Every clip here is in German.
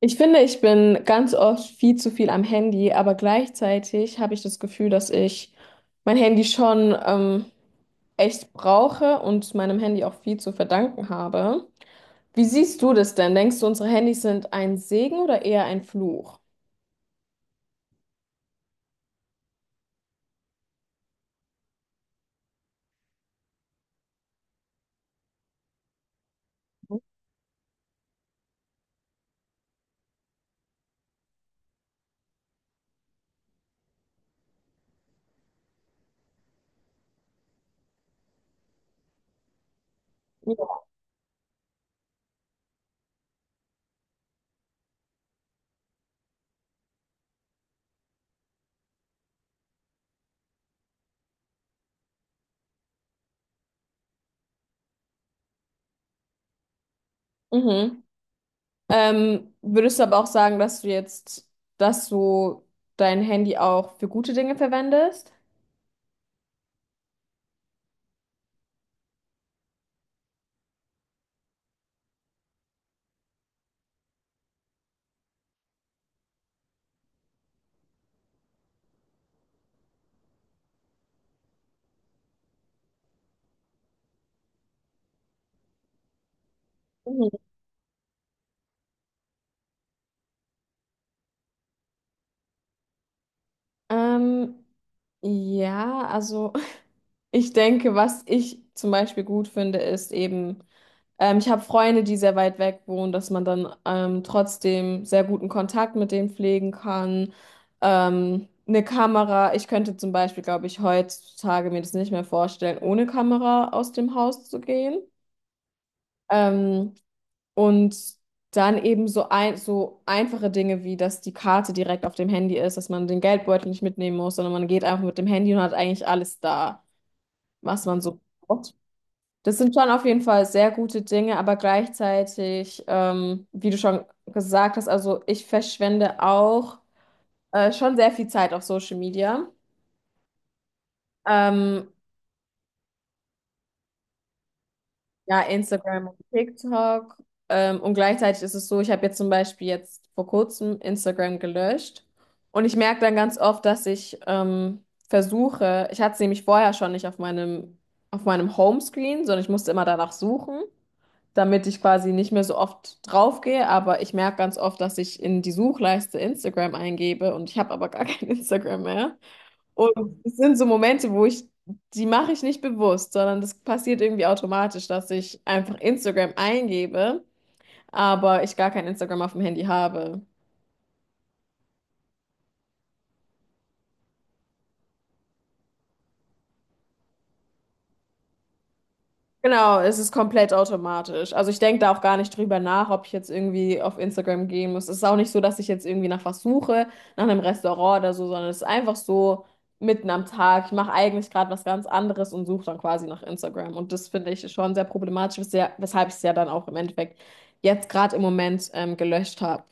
Ich finde, ich bin ganz oft viel zu viel am Handy, aber gleichzeitig habe ich das Gefühl, dass ich mein Handy schon echt brauche und meinem Handy auch viel zu verdanken habe. Wie siehst du das denn? Denkst du, unsere Handys sind ein Segen oder eher ein Fluch? Ja. Mhm. Würdest du aber auch sagen, dass du dass du dein Handy auch für gute Dinge verwendest? Mhm. Ähm, ja, also ich denke, was ich zum Beispiel gut finde, ist eben, ich habe Freunde, die sehr weit weg wohnen, dass man dann trotzdem sehr guten Kontakt mit denen pflegen kann. Eine Kamera, ich könnte zum Beispiel, glaube ich, heutzutage mir das nicht mehr vorstellen, ohne Kamera aus dem Haus zu gehen. Ähm, und dann eben so einfache Dinge wie, dass die Karte direkt auf dem Handy ist, dass man den Geldbeutel nicht mitnehmen muss, sondern man geht einfach mit dem Handy und hat eigentlich alles da, was man so braucht. Das sind schon auf jeden Fall sehr gute Dinge, aber gleichzeitig, wie du schon gesagt hast, also ich verschwende auch schon sehr viel Zeit auf Social Media. Ähm, ja, Instagram und TikTok. Und gleichzeitig ist es so, ich habe jetzt zum Beispiel jetzt vor kurzem Instagram gelöscht. Und ich merke dann ganz oft, dass ich versuche, ich hatte es nämlich vorher schon nicht auf auf meinem Homescreen, sondern ich musste immer danach suchen, damit ich quasi nicht mehr so oft draufgehe, aber ich merke ganz oft, dass ich in die Suchleiste Instagram eingebe und ich habe aber gar kein Instagram mehr. Und es sind so Momente, die mache ich nicht bewusst, sondern das passiert irgendwie automatisch, dass ich einfach Instagram eingebe, aber ich gar kein Instagram auf dem Handy habe. Genau, es ist komplett automatisch. Also ich denke da auch gar nicht drüber nach, ob ich jetzt irgendwie auf Instagram gehen muss. Es ist auch nicht so, dass ich jetzt irgendwie nach was suche, nach einem Restaurant oder so, sondern es ist einfach so mitten am Tag. Ich mache eigentlich gerade was ganz anderes und suche dann quasi nach Instagram. Und das finde ich schon sehr problematisch, weshalb ich es ja dann auch im Endeffekt jetzt gerade im Moment gelöscht habe.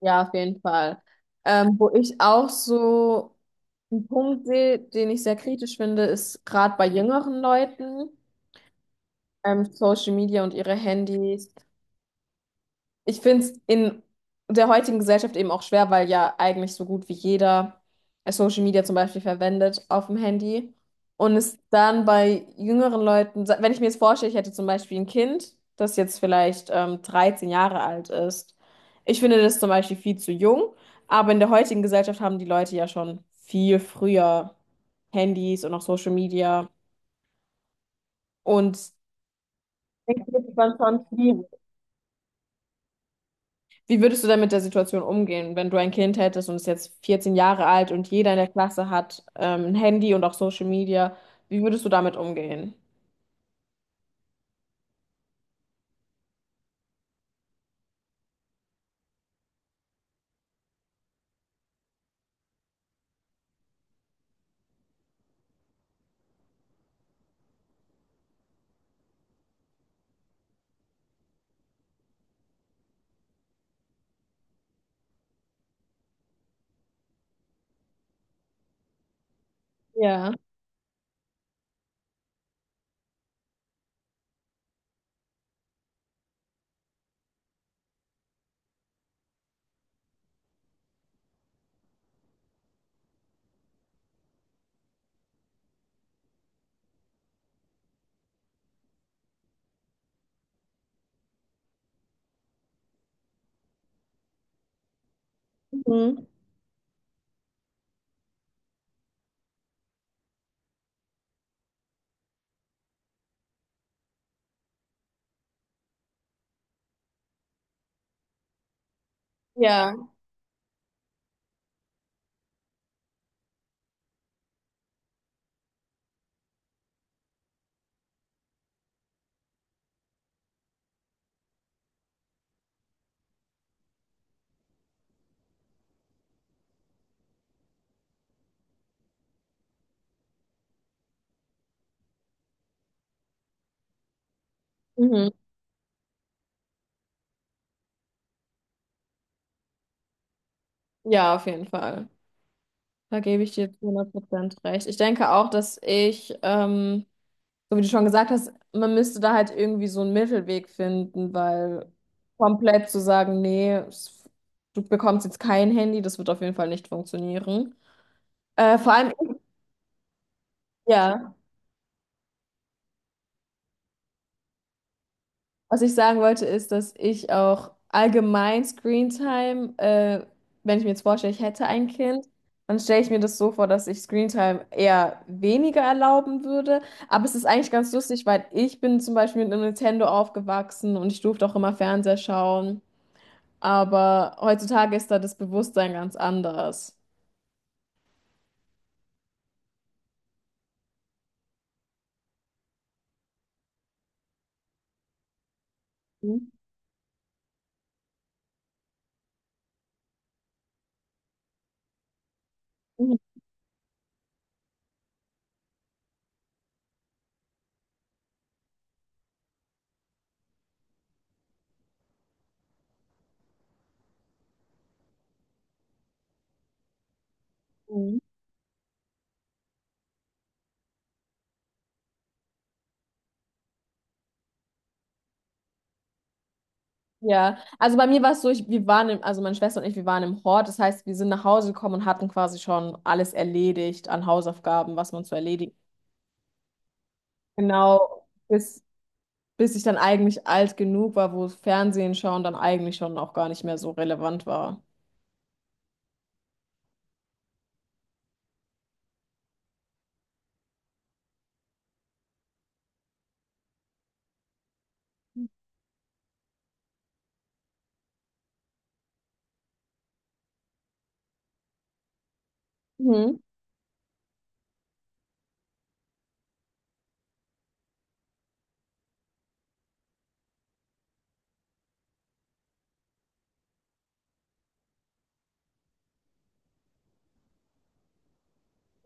Ja, auf jeden Fall. Wo ich auch so einen Punkt sehe, den ich sehr kritisch finde, ist gerade bei jüngeren Leuten. Social Media und ihre Handys. Ich finde es in der heutigen Gesellschaft eben auch schwer, weil ja eigentlich so gut wie jeder Social Media zum Beispiel verwendet auf dem Handy. Und es dann bei jüngeren Leuten, wenn ich mir jetzt vorstelle, ich hätte zum Beispiel ein Kind, das jetzt vielleicht 13 Jahre alt ist. Ich finde das zum Beispiel viel zu jung, aber in der heutigen Gesellschaft haben die Leute ja schon viel früher Handys und auch Social Media. Und ich finde es dann schon schwierig. Wie würdest du denn mit der Situation umgehen, wenn du ein Kind hättest und es jetzt 14 Jahre alt und jeder in der Klasse hat ein Handy und auch Social Media? Wie würdest du damit umgehen? Ja. Mhm. Ja. Mhm. Ja, auf jeden Fall. Da gebe ich dir zu 100% recht. Ich denke auch, dass so wie du schon gesagt hast, man müsste da halt irgendwie so einen Mittelweg finden, weil komplett zu sagen, nee, du bekommst jetzt kein Handy, das wird auf jeden Fall nicht funktionieren. Vor allem, ja. Was ich sagen wollte, ist, dass ich auch allgemein Screentime, wenn ich mir jetzt vorstelle, ich hätte ein Kind, dann stelle ich mir das so vor, dass ich Screentime eher weniger erlauben würde. Aber es ist eigentlich ganz lustig, weil ich bin zum Beispiel mit einem Nintendo aufgewachsen und ich durfte auch immer Fernseher schauen. Aber heutzutage ist da das Bewusstsein ganz anders. Mhm. Ja, also bei mir war es so, wir waren also meine Schwester und ich, wir waren im Hort. Das heißt, wir sind nach Hause gekommen und hatten quasi schon alles erledigt an Hausaufgaben, was man zu erledigen. Genau, bis ich dann eigentlich alt genug war, wo Fernsehen schauen dann eigentlich schon auch gar nicht mehr so relevant war. Mhm.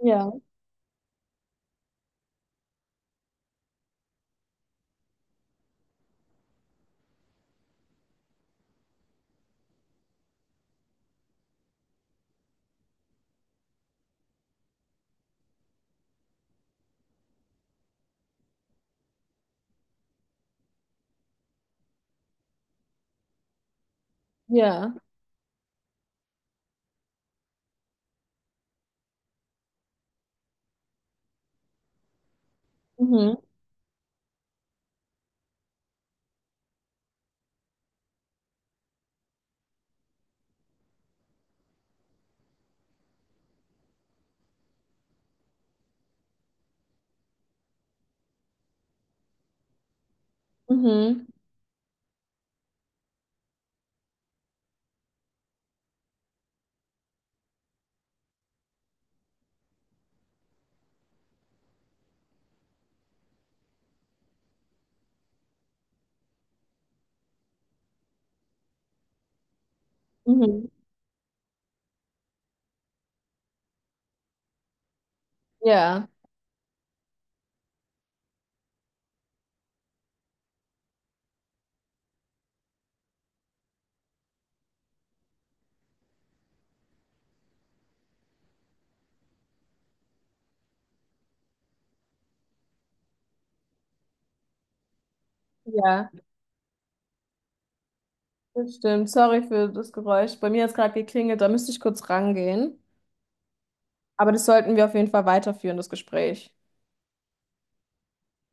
Ja, ja. Mhm. Mhm. Mhm. Ja, ja, das stimmt. Sorry für das Geräusch. Bei mir hat es gerade geklingelt, da müsste ich kurz rangehen. Aber das sollten wir auf jeden Fall weiterführen, das Gespräch.